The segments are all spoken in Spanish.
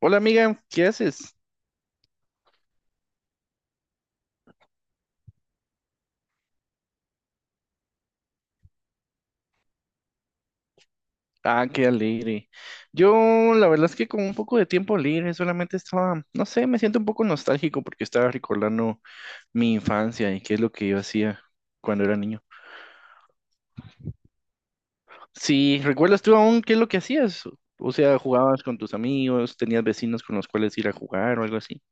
Hola amiga, ¿qué haces? Ah, qué alegre. Yo la verdad es que con un poco de tiempo libre solamente estaba, no sé, me siento un poco nostálgico porque estaba recordando mi infancia y qué es lo que yo hacía cuando era niño. Sí, ¿recuerdas tú aún qué es lo que hacías? O sea, ¿jugabas con tus amigos? ¿Tenías vecinos con los cuales ir a jugar o algo así?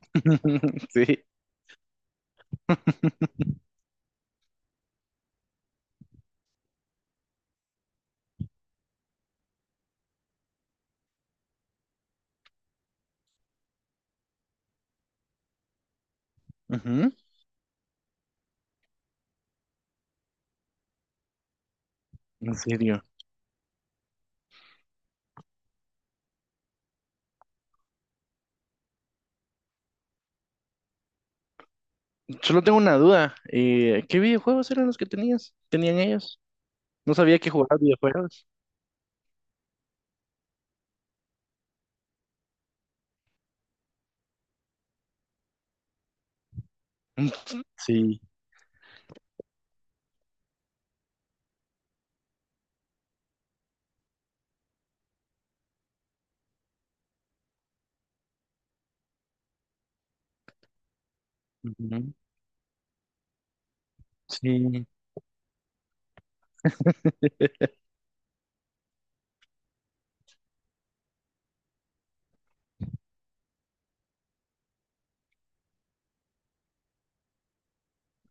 Sí. Ujú. En serio. Solo tengo una duda. ¿Qué videojuegos eran los que tenías? ¿Tenían ellos? No sabía que jugabas videojuegos. Sí. Sí.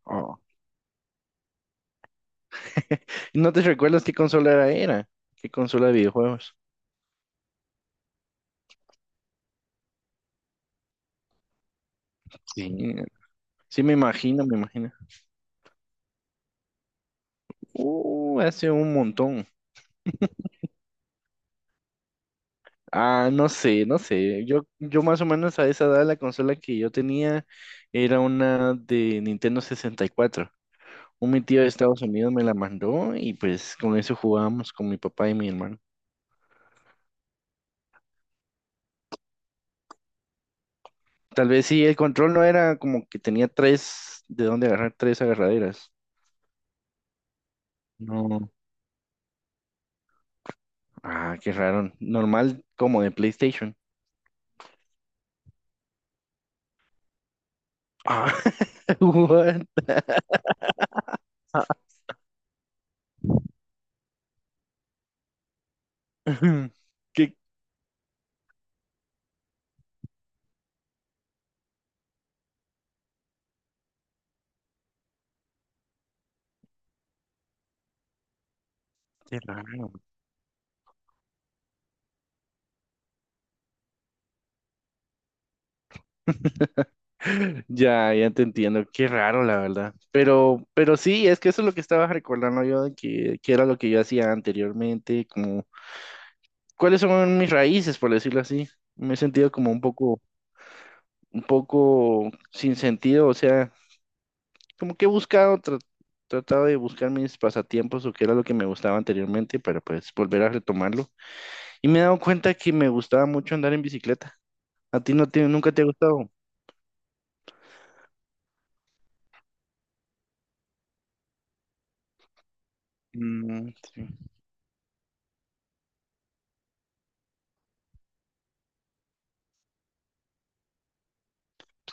Oh. ¿No te recuerdas qué consola era? ¿Qué consola de videojuegos? Sí. Sí, sí me imagino, me imagino. Hace un montón. Ah, no sé, no sé. Yo más o menos a esa edad la consola que yo tenía era una de Nintendo 64. Un mi tío de Estados Unidos me la mandó y pues con eso jugábamos con mi papá y mi hermano. Tal vez sí, el control no era como que tenía tres, de dónde agarrar tres agarraderas. No. Ah, qué raro. Normal como de PlayStation. Ah, what? Ah, Qué, qué raro. Ya, ya te entiendo. Qué raro, la verdad. Pero sí, es que eso es lo que estaba recordando yo de que era lo que yo hacía anteriormente, como cuáles son mis raíces, por decirlo así. Me he sentido como un poco sin sentido, o sea, como que he buscado, tratado de buscar mis pasatiempos o qué era lo que me gustaba anteriormente para pues volver a retomarlo. Y me he dado cuenta que me gustaba mucho andar en bicicleta. ¿A ti no te, nunca te ha gustado? Mm, sí.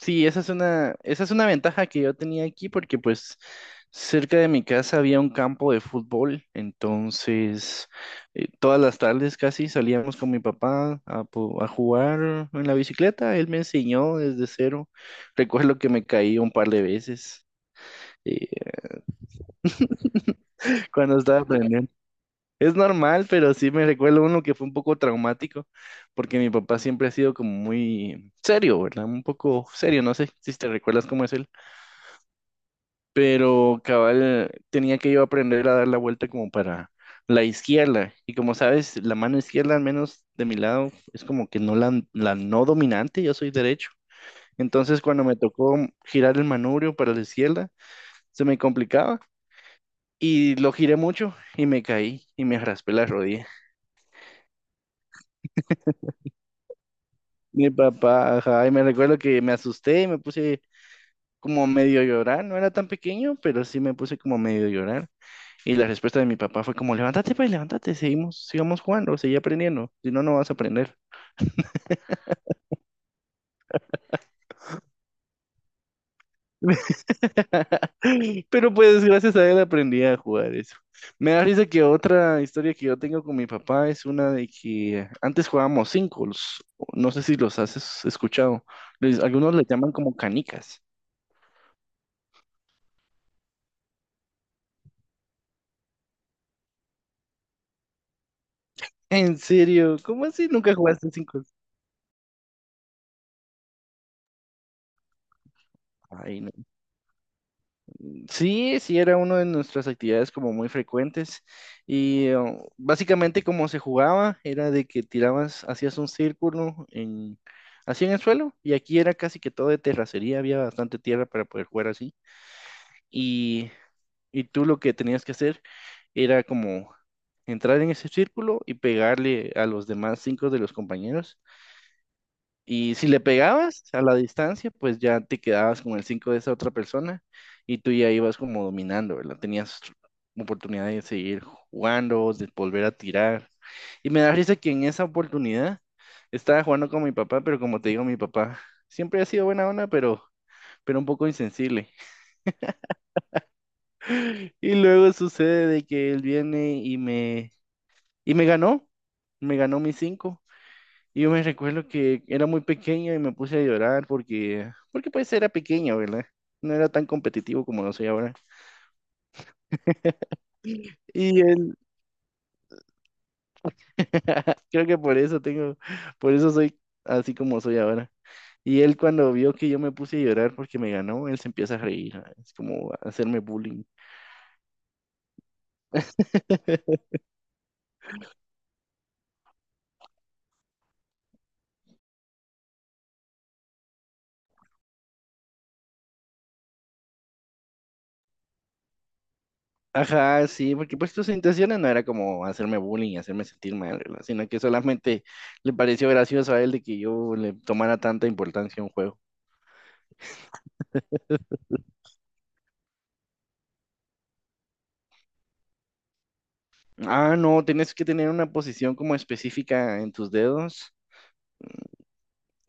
Sí, esa es una ventaja que yo tenía aquí porque pues cerca de mi casa había un campo de fútbol, entonces todas las tardes casi salíamos con mi papá a, a jugar en la bicicleta, él me enseñó desde cero, recuerdo que me caí un par de veces eh, cuando estaba aprendiendo. Es normal, pero sí me recuerdo uno que fue un poco traumático, porque mi papá siempre ha sido como muy serio, ¿verdad? Un poco serio, no sé si te recuerdas cómo es él, pero cabal tenía que yo aprender a dar la vuelta como para la izquierda, y como sabes, la mano izquierda, al menos de mi lado, es como que no la no dominante, yo soy derecho. Entonces, cuando me tocó girar el manubrio para la izquierda, se me complicaba y lo giré mucho y me caí y me raspé la rodilla. Mi papá, ajá, y me recuerdo que me asusté y me puse como medio a llorar, no era tan pequeño, pero sí me puse como medio a llorar. Y la respuesta de mi papá fue como, levántate, pues, levántate, seguimos, sigamos jugando, seguí aprendiendo, si no, no vas a aprender. Pero pues gracias a él aprendí a jugar eso. Me da risa que otra historia que yo tengo con mi papá es una de que antes jugábamos cinco, no sé si los has escuchado, algunos le llaman como canicas. ¿En serio? ¿Cómo así nunca jugaste cinco? Ay, no. Sí, sí era una de nuestras actividades como muy frecuentes y básicamente como se jugaba era de que tirabas, hacías un círculo en, así en el suelo y aquí era casi que todo de terracería, había bastante tierra para poder jugar así y, y tú lo que tenías que hacer era como entrar en ese círculo y pegarle a los demás cinco de los compañeros. Y si le pegabas a la distancia, pues ya te quedabas con el 5 de esa otra persona y tú ya ibas como dominando, ¿verdad? Tenías oportunidad de seguir jugando, de volver a tirar. Y me da risa que en esa oportunidad estaba jugando con mi papá, pero como te digo, mi papá siempre ha sido buena onda, pero un poco insensible. Y luego sucede de que él viene y y me ganó mis cinco. Y yo me recuerdo que era muy pequeño y me puse a llorar porque, porque pues era pequeño, ¿verdad? No era tan competitivo como lo soy ahora. Y él, creo que por eso tengo, por eso soy así como soy ahora. Y él cuando vio que yo me puse a llorar porque me ganó, él se empieza a reír, ¿no? Es como a hacerme bullying. Ajá, sí, porque pues sus intenciones no era como hacerme bullying, hacerme sentir mal, ¿verdad? Sino que solamente le pareció gracioso a él de que yo le tomara tanta importancia a un juego. Ah, no, tienes que tener una posición como específica en tus dedos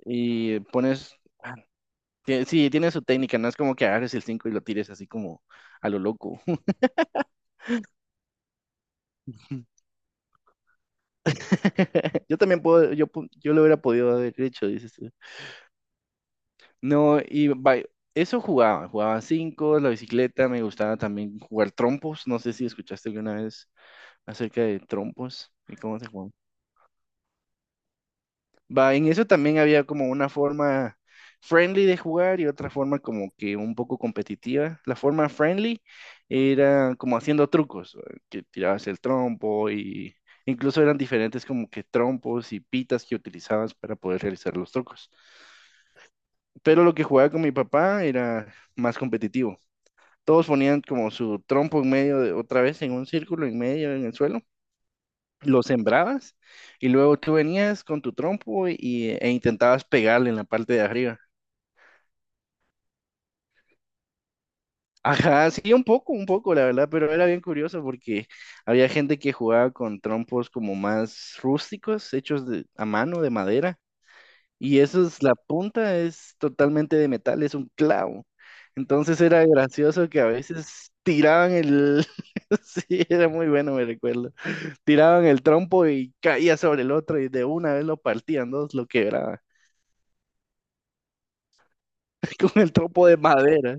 y pones... ah, sí, tiene su técnica, no es como que agarres el 5 y lo tires así como a lo loco. Yo también puedo, yo, yo lo hubiera podido haber hecho, dices tú. No, y eso jugaba, jugaba cinco, la bicicleta, me gustaba también jugar trompos, no sé si escuchaste alguna vez acerca de trompos y cómo se... Va, en eso también había como una forma friendly de jugar y otra forma como que un poco competitiva. La forma friendly era como haciendo trucos, ¿va? Que tirabas el trompo y incluso eran diferentes como que trompos y pitas que utilizabas para poder realizar los trucos. Pero lo que jugaba con mi papá era más competitivo. Todos ponían como su trompo en medio de, otra vez en un círculo en medio en el suelo, lo sembrabas y luego tú venías con tu trompo y, e intentabas pegarle en la parte de arriba. Ajá, sí, un poco, la verdad, pero era bien curioso porque había gente que jugaba con trompos como más rústicos, hechos de, a mano, de madera, y eso es, la punta es totalmente de metal, es un clavo. Entonces era gracioso que a veces tiraban el, sí, era muy bueno, me recuerdo, tiraban el trompo y caía sobre el otro y de una vez lo partían dos, lo quebraban. Con el tropo de madera,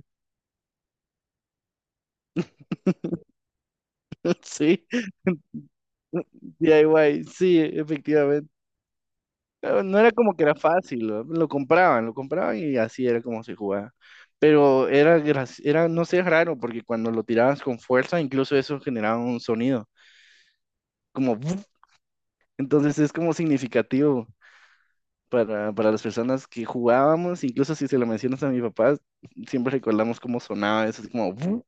sí, DIY, sí, efectivamente. No era como que era fácil, lo compraban y así era como se jugaba. Pero era, era, no sé, raro, porque cuando lo tirabas con fuerza, incluso eso generaba un sonido, como, ¡buf! Entonces es como significativo para las personas que jugábamos, incluso si se lo mencionas a mi papá, siempre recordamos cómo sonaba eso, es como, ¡buf!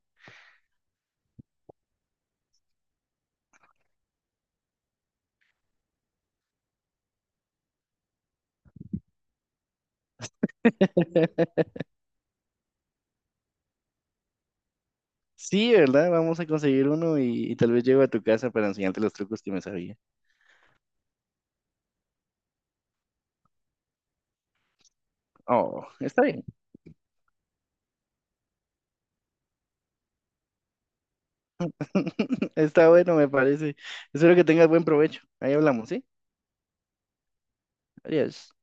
Sí, ¿verdad? Vamos a conseguir uno y tal vez llego a tu casa para enseñarte los trucos que me sabía. Oh, está bien. Está bueno, me parece. Espero que tengas buen provecho. Ahí hablamos, ¿sí? Adiós.